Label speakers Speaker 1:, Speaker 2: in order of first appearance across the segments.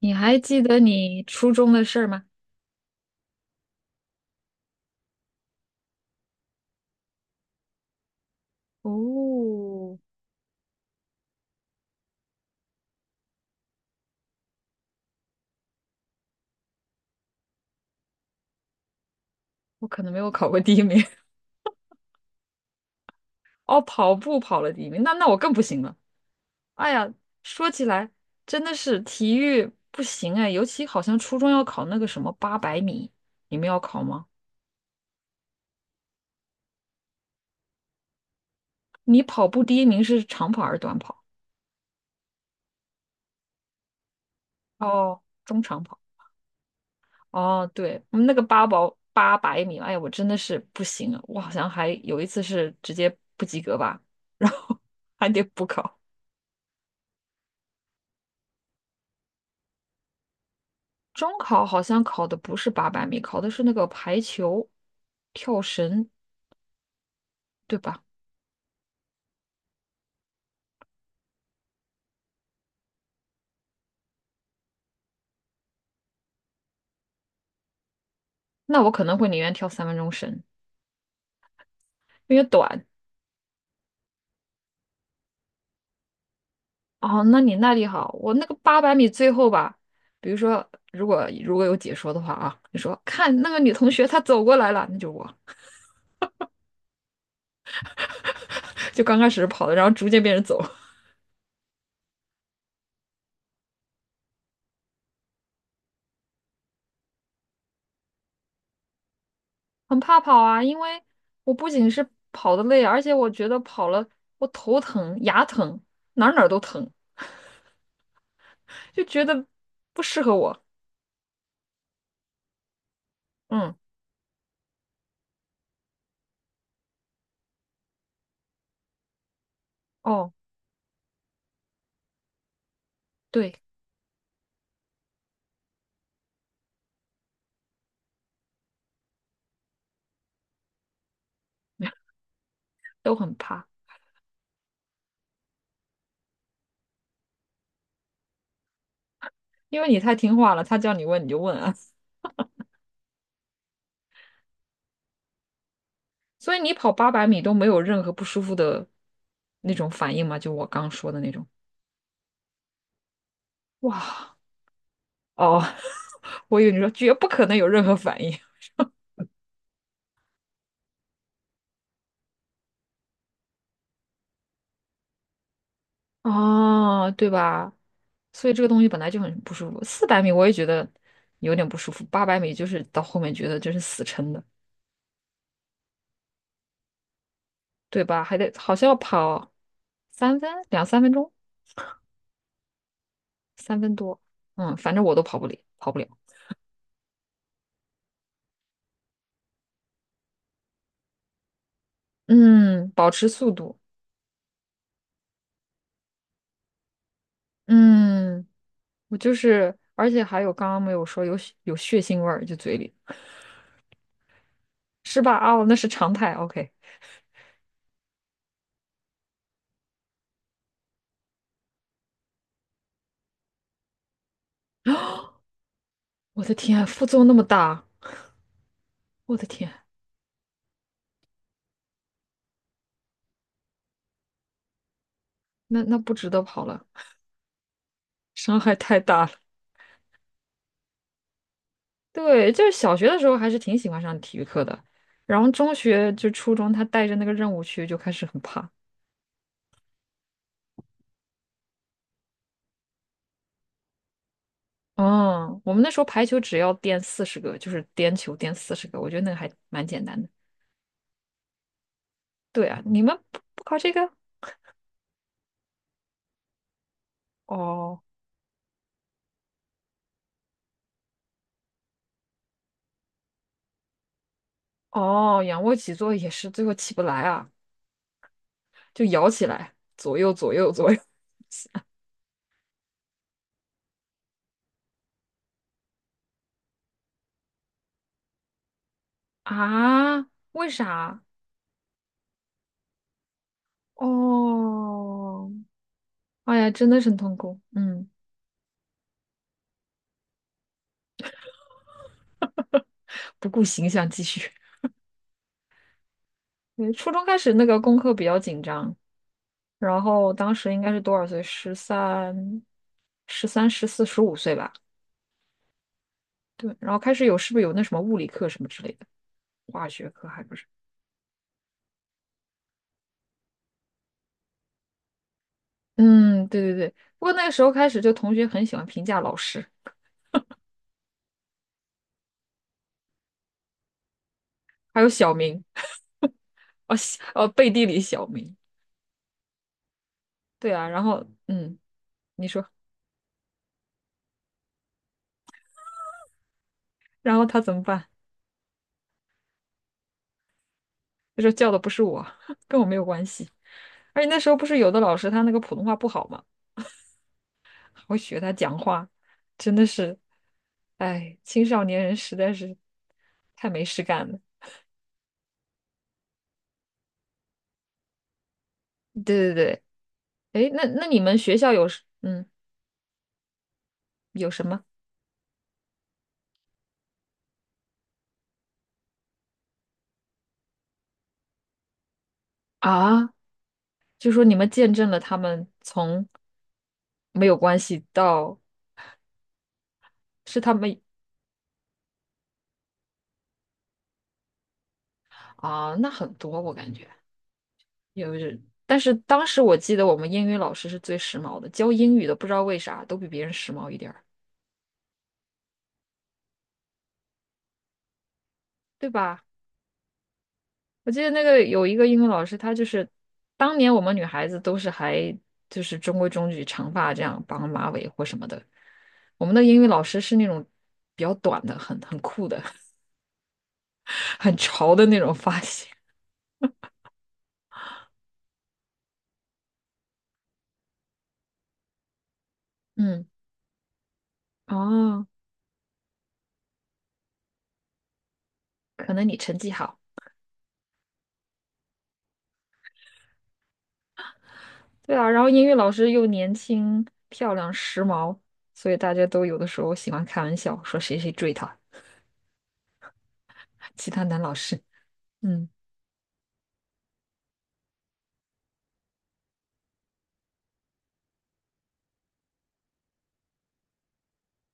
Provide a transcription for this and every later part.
Speaker 1: 你还记得你初中的事儿吗？哦，我可能没有考过第一名。哦，跑步跑了第一名，那我更不行了。哎呀，说起来真的是体育不行哎，尤其好像初中要考那个什么八百米，你们要考吗？你跑步第一名是长跑还是短跑？哦，中长跑。哦，对，我们那个八百米，哎呀，我真的是不行了。我好像还有一次是直接不及格吧，然后 还得补考。中考好像考的不是八百米，考的是那个排球、跳绳，对吧？那我可能会宁愿跳三分钟绳，因为短。哦，那你耐力好，我那个八百米最后吧，比如说如果有解说的话啊，你说看那个女同学她走过来了，那就是我，就刚开始跑的，然后逐渐变成走，很怕跑啊，因为我不仅是跑的累，而且我觉得跑了我头疼、牙疼，哪儿哪儿都疼，就觉得不适合我。嗯。哦。对，都很怕，因为你太听话了，他叫你问你就问啊。所以你跑八百米都没有任何不舒服的那种反应吗？就我刚说的那种。哇，哦，我以为你说绝不可能有任何反应。哦，对吧？所以这个东西本来就很不舒服。400米我也觉得有点不舒服，八百米就是到后面觉得就是死撑的，对吧？还得好像要跑2、3分钟，3分多，嗯，反正我都跑不了，跑不了。嗯，保持速度。嗯，我就是，而且还有刚刚没有说有血腥味儿，就嘴里是吧？哦，那是常态。OK，我的天，副作用那么大，我的天，那不值得跑了，伤害太大了。对，就是小学的时候还是挺喜欢上体育课的，然后中学就初中，他带着那个任务去就开始很怕。嗯，我们那时候排球只要颠四十个，就是颠球颠四十个，我觉得那个还蛮简单的。对啊，你们不考这个？哦，哦，仰卧起坐也是，最后起不来啊，就摇起来，左右左右左右。 啊？为啥？哦，哎呀，真的是很痛苦。嗯，不顾形象继续。对，初中开始那个功课比较紧张，然后当时应该是多少岁？十三、十四、十五岁吧。对，然后开始有是不是有那什么物理课什么之类的，化学课还不是？嗯，对对对。不过那个时候开始，就同学很喜欢评价老师，还有小明。哦西哦背地里小名，对啊，然后嗯，你说，然后他怎么办？他说叫的不是我，跟我没有关系。而且那时候不是有的老师他那个普通话不好嘛，还会学他讲话，真的是，哎，青少年人实在是太没事干了。对对对，哎，那你们学校有什嗯有什么啊？就说你们见证了他们从没有关系到是他们啊，那很多我感觉。有是，但是当时我记得我们英语老师是最时髦的，教英语的不知道为啥都比别人时髦一点儿，对吧？我记得那个有一个英语老师，他就是当年我们女孩子都是还就是中规中矩，长发这样绑马尾或什么的，我们的英语老师是那种比较短的，很酷的，很潮的那种发型。嗯，哦，可能你成绩好。对啊，然后英语老师又年轻、漂亮、时髦，所以大家都有的时候喜欢开玩笑说谁谁追她，其他男老师，嗯，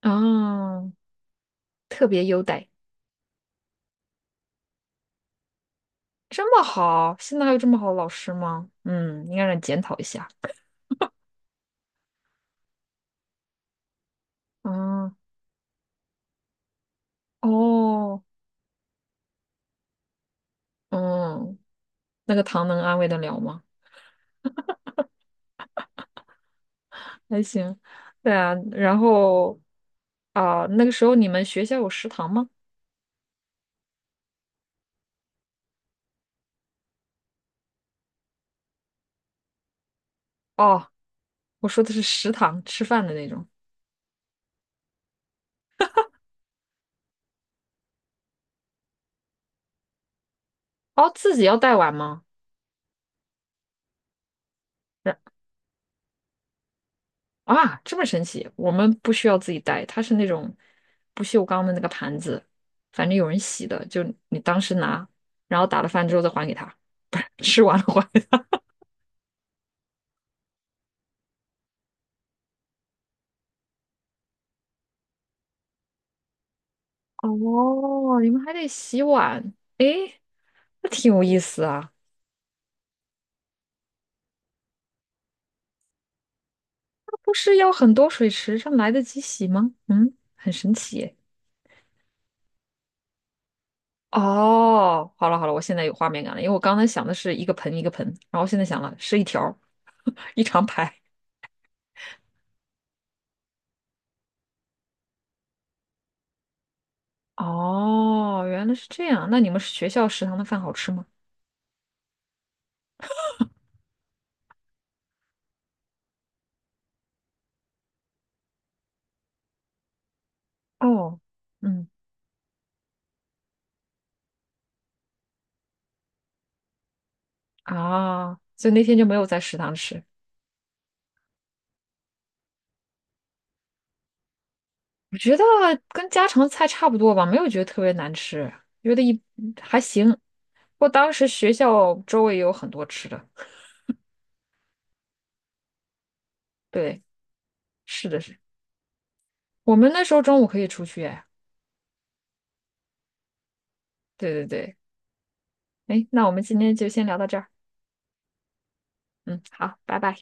Speaker 1: 啊，特别优待，这么好，现在还有这么好的老师吗？嗯，应该让你检讨一下。嗯，哦，嗯，那个糖能安慰得了吗？还行。对啊，然后啊、那个时候你们学校有食堂吗？哦，我说的是食堂吃饭的那种。哦，自己要带碗吗？啊，这么神奇！我们不需要自己带，它是那种不锈钢的那个盘子，反正有人洗的，就你当时拿，然后打了饭之后再还给他，不是吃完了还给他。哦，你们还得洗碗，诶，那挺有意思啊。那不是要很多水池上来得及洗吗？嗯，很神奇耶。哦，好了好了，我现在有画面感了，因为我刚才想的是一个盆一个盆，然后现在想了是一条儿 一长排。哦，原来是这样。那你们学校食堂的饭好吃吗？哦，嗯，啊，所以那天就没有在食堂吃。我觉得跟家常菜差不多吧，没有觉得特别难吃，觉得一还行。不过当时学校周围也有很多吃的。对，是的。我们那时候中午可以出去哎。对对对，哎，那我们今天就先聊到这儿。嗯，好，拜拜。